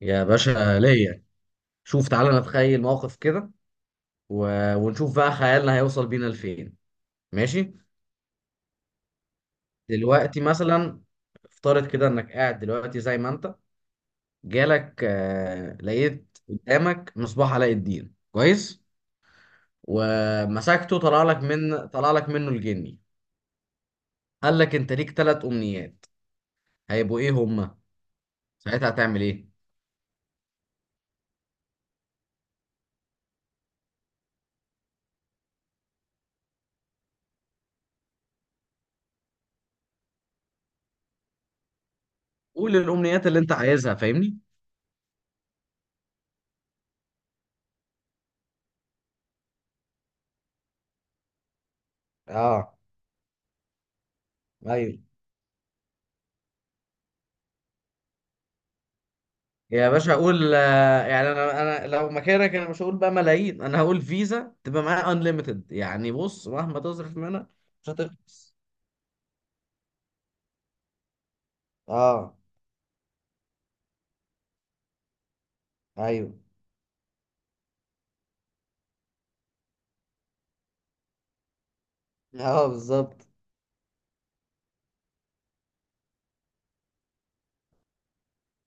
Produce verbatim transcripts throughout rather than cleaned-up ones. يا باشا ليا. شوف تعالى نتخيل موقف كده و... ونشوف بقى خيالنا هيوصل بينا لفين. ماشي. دلوقتي مثلا افترض كده انك قاعد دلوقتي زي ما انت جالك آه... لقيت قدامك مصباح علاء الدين. كويس. ومسكته طلع لك من طلع لك منه الجني، قال لك انت ليك ثلاث امنيات. هيبقوا ايه هما؟ ساعتها هتعمل ايه؟ قول الامنيات اللي انت عايزها، فاهمني. اه، ايوه. يا باشا اقول آه، يعني انا انا لو مكانك انا مش هقول بقى ملايين، انا هقول فيزا تبقى معايا انليمتد، يعني بص مهما تصرف منها مش هتخلص. اه، ايوه. اه، بالظبط.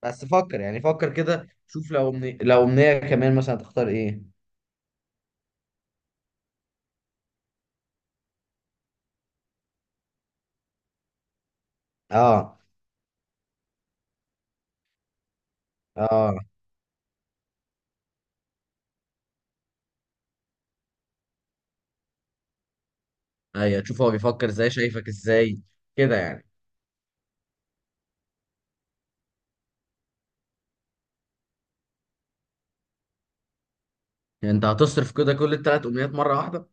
بس فكر يعني فكر كده شوف لو من... لو امنية كمان مثلا هتختار ايه؟ اه. اه، ايوه، شوف هو بيفكر ازاي شايفك ازاي كده يعني. يعني انت هتصرف كده كل الثلاث امنيات مرة واحدة؟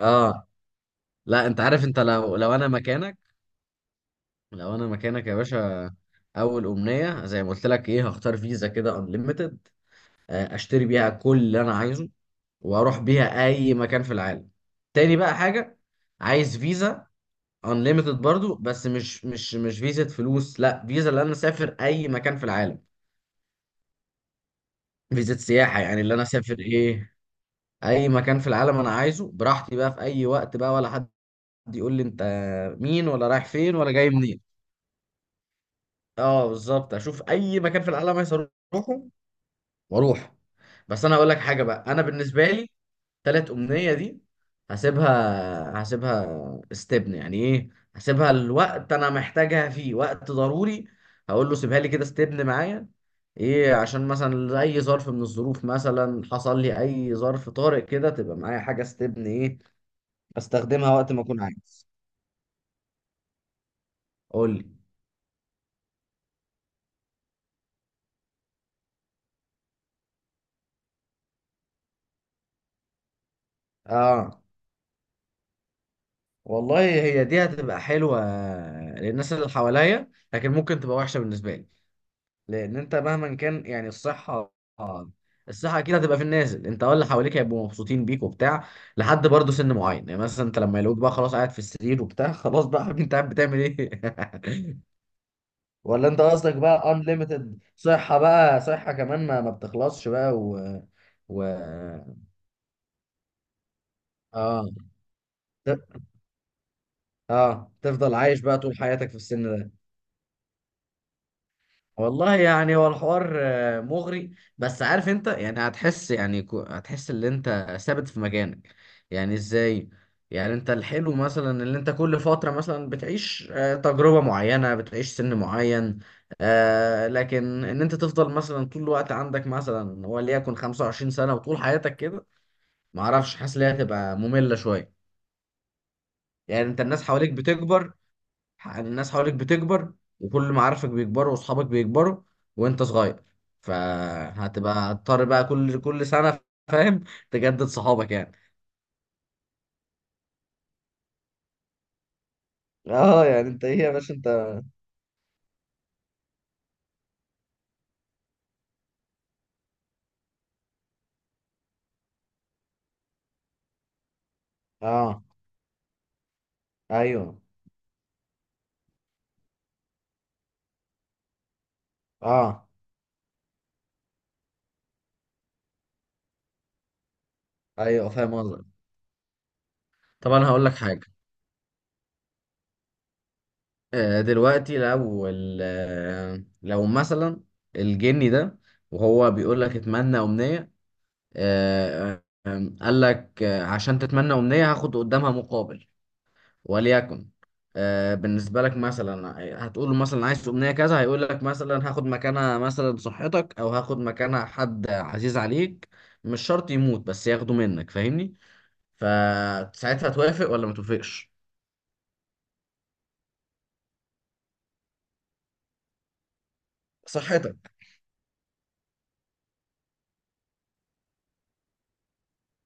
اه. لا انت عارف انت لو لو انا مكانك، لو انا مكانك يا باشا، اول امنيه زي ما قلت لك ايه، هختار فيزا كده انليميتد، اشتري بيها كل اللي انا عايزه واروح بيها اي مكان في العالم. تاني بقى حاجه، عايز فيزا انليميتد برضو، بس مش مش مش فيزا فلوس، لا، فيزا اللي انا اسافر اي مكان في العالم. فيزا سياحه يعني، اللي انا اسافر ايه اي مكان في العالم انا عايزه براحتي بقى في اي وقت، بقى ولا حد يقول لي انت مين، ولا رايح فين، ولا جاي منين. اه، بالظبط، اشوف اي مكان في العالم عايز اروحه واروح. بس انا اقول لك حاجه بقى، انا بالنسبه لي تلات امنيه دي هسيبها هسيبها استبن، يعني ايه، هسيبها الوقت انا محتاجها فيه وقت ضروري، هقول له سيبها لي كده استبن معايا ايه، عشان مثلا اي ظرف من الظروف مثلا حصل لي، اي ظرف طارئ كده، تبقى معايا حاجه استبن ايه، استخدمها وقت ما اكون عايز. قول لي. اه. والله هي دي هتبقى حلوه للناس اللي حواليا، لكن ممكن تبقى وحشه بالنسبه لي، لان انت مهما كان يعني الصحه، الصحه اكيد هتبقى في النازل، انت ولا حواليك هيبقوا مبسوطين بيك وبتاع، لحد برضه سن معين. يعني مثلا انت لما يلاقوك بقى خلاص قاعد في السرير وبتاع خلاص بقى يا حبيبي انت قاعد بتعمل ايه؟ ولا انت قصدك بقى unlimited صحه بقى، صحه كمان ما ما بتخلصش بقى و و اه ت- اه، تفضل عايش بقى طول حياتك في السن ده. والله يعني هو الحوار آه، مغري، بس عارف انت يعني هتحس، يعني كو- هتحس ان انت ثابت في مكانك. يعني ازاي؟ يعني انت الحلو مثلا اللي انت كل فترة مثلا بتعيش آه، تجربة معينة، بتعيش سن معين، آه، لكن ان انت تفضل مثلا طول الوقت عندك مثلا وليكن 25 سنة وطول حياتك كده، معرفش حاسس ان هي هتبقى مملة شوية. يعني انت الناس حواليك بتكبر، الناس حواليك بتكبر، وكل معارفك بيكبروا واصحابك بيكبروا، وانت صغير، فهتبقى هتضطر بقى كل كل سنة، فاهم، تجدد صحابك يعني. اه، يعني انت ايه يا باشا انت؟ اه، ايوه. اه، ايوه فاهم قصدك. طب انا هقول لك حاجة. آه، دلوقتي لو ال- آه، لو مثلا الجني ده وهو بيقول لك اتمنى امنية، آه، آه، قال لك آه، عشان تتمنى امنية هاخد قدامها مقابل، وليكن آه، بالنسبة لك مثلا، هتقول له مثلا عايز أمنية كذا، هيقول لك مثلا هاخد مكانها مثلا صحتك، أو هاخد مكانها حد عزيز عليك، مش شرط يموت بس ياخده منك، فاهمني. فساعتها توافق ولا ما توافقش؟ صحتك.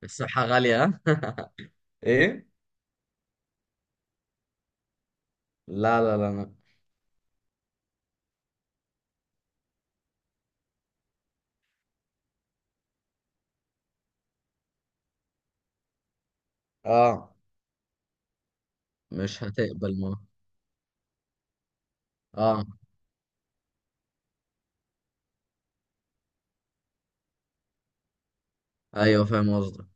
الصحة غالية، ها؟ إيه؟ لا لا لا لا. اه، مش هتقبل ما. اه، ايوه فاهم قصدك.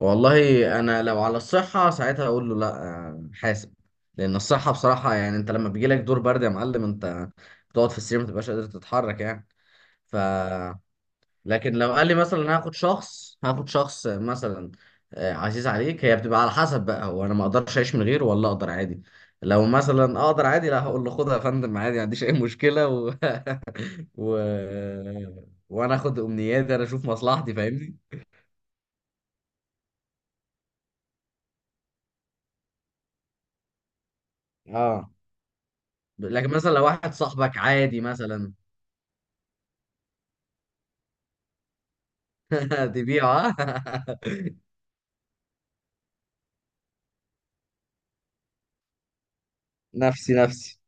والله انا لو على الصحه ساعتها اقول له لا، آه، حاسب، لان الصحه بصراحه، يعني انت لما بيجي لك دور برد يا معلم، انت بتقعد في السرير ما بتبقاش قادر تتحرك يعني. ف، لكن لو قال لي مثلا هاخد شخص هاخد شخص مثلا آه، عزيز عليك، هي بتبقى على حسب بقى، هو انا ما اقدرش اعيش من غيره ولا اقدر عادي. لو مثلا اقدر عادي، لا هقول له خدها يا فندم عادي، ما عنديش اي مشكله و... و... وانا اخد امنياتي انا اشوف مصلحتي، فاهمني. اه، لكن مثلا لو واحد صاحبك عادي مثلا. تبيعه. نفسي نفسي.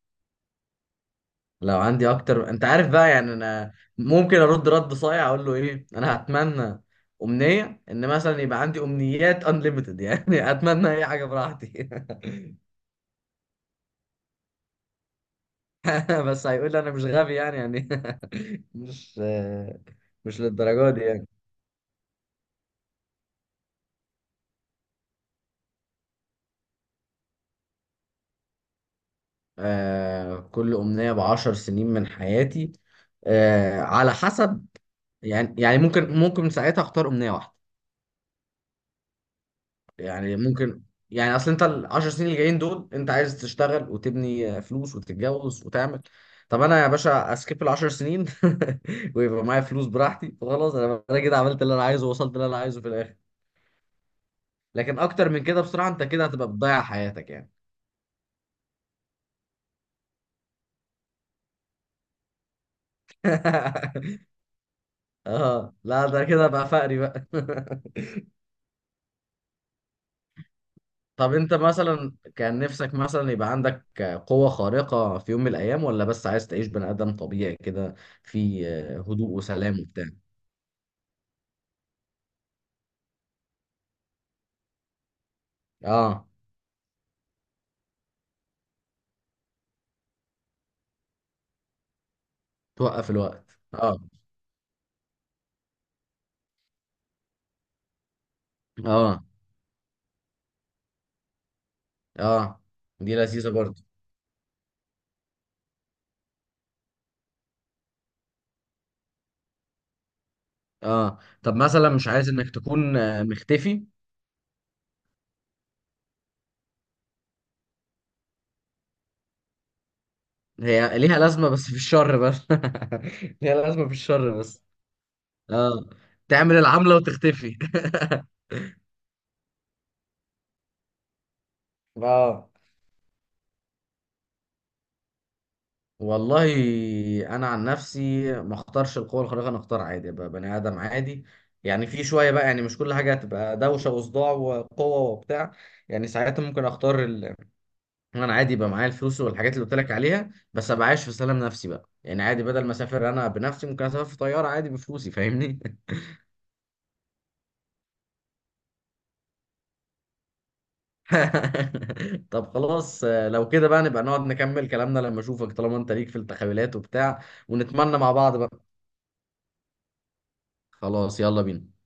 لو عندي اكتر انت عارف بقى، يعني انا ممكن ارد رد صايع اقول له ايه، انا هتمنى امنيه ان مثلا يبقى عندي امنيات انليمتد يعني، اتمنى اي حاجه براحتي. بس هيقول لي انا مش غبي يعني، يعني مش، مش للدرجه دي يعني. آه، كل امنيه بعشر سنين من حياتي. آه، على حسب. يعني يعني ممكن ممكن ساعتها اختار امنيه واحده. يعني ممكن، يعني اصل انت العشر سنين اللي جايين دول انت عايز تشتغل وتبني فلوس وتتجوز وتعمل. طب انا يا باشا اسكيب العشر سنين ويبقى معايا فلوس براحتي وخلاص، انا انا كده عملت اللي انا عايزه ووصلت اللي انا عايزه في الاخر. لكن اكتر من كده بصراحة انت كده هتبقى بتضيع حياتك يعني. اه لا، ده كده بقى فقري بقى. طب انت مثلا كان نفسك مثلا يبقى عندك قوة خارقة في يوم من الايام، ولا بس عايز تعيش بني ادم طبيعي كده في هدوء وسلام وبتاع. اه، توقف الوقت. اه. اه. اه، دي لذيذة برضه. اه، طب مثلا مش عايز انك تكون آه، مختفي؟ هي ليها لازمة بس في الشر بس. ليها لازمة في الشر بس. اه، تعمل العملة وتختفي. اه، والله انا عن نفسي ما اختارش القوة الخارقة، انا اختار عادي ابقى بني ادم عادي، يعني في شوية بقى، يعني مش كل حاجة هتبقى دوشة وصداع وقوة وبتاع. يعني ساعتها ممكن اختار انا عادي، يبقى معايا الفلوس والحاجات اللي قلت لك عليها، بس ابقى عايش في سلام نفسي بقى، يعني عادي، بدل ما اسافر انا بنفسي ممكن اسافر في طياره عادي بفلوسي، فاهمني. طب خلاص، آه، لو كده بقى نبقى نقعد نكمل كلامنا لما اشوفك، طالما انت ليك في التخيلات وبتاع ونتمنى مع بعض بقى. خلاص، يلا بينا.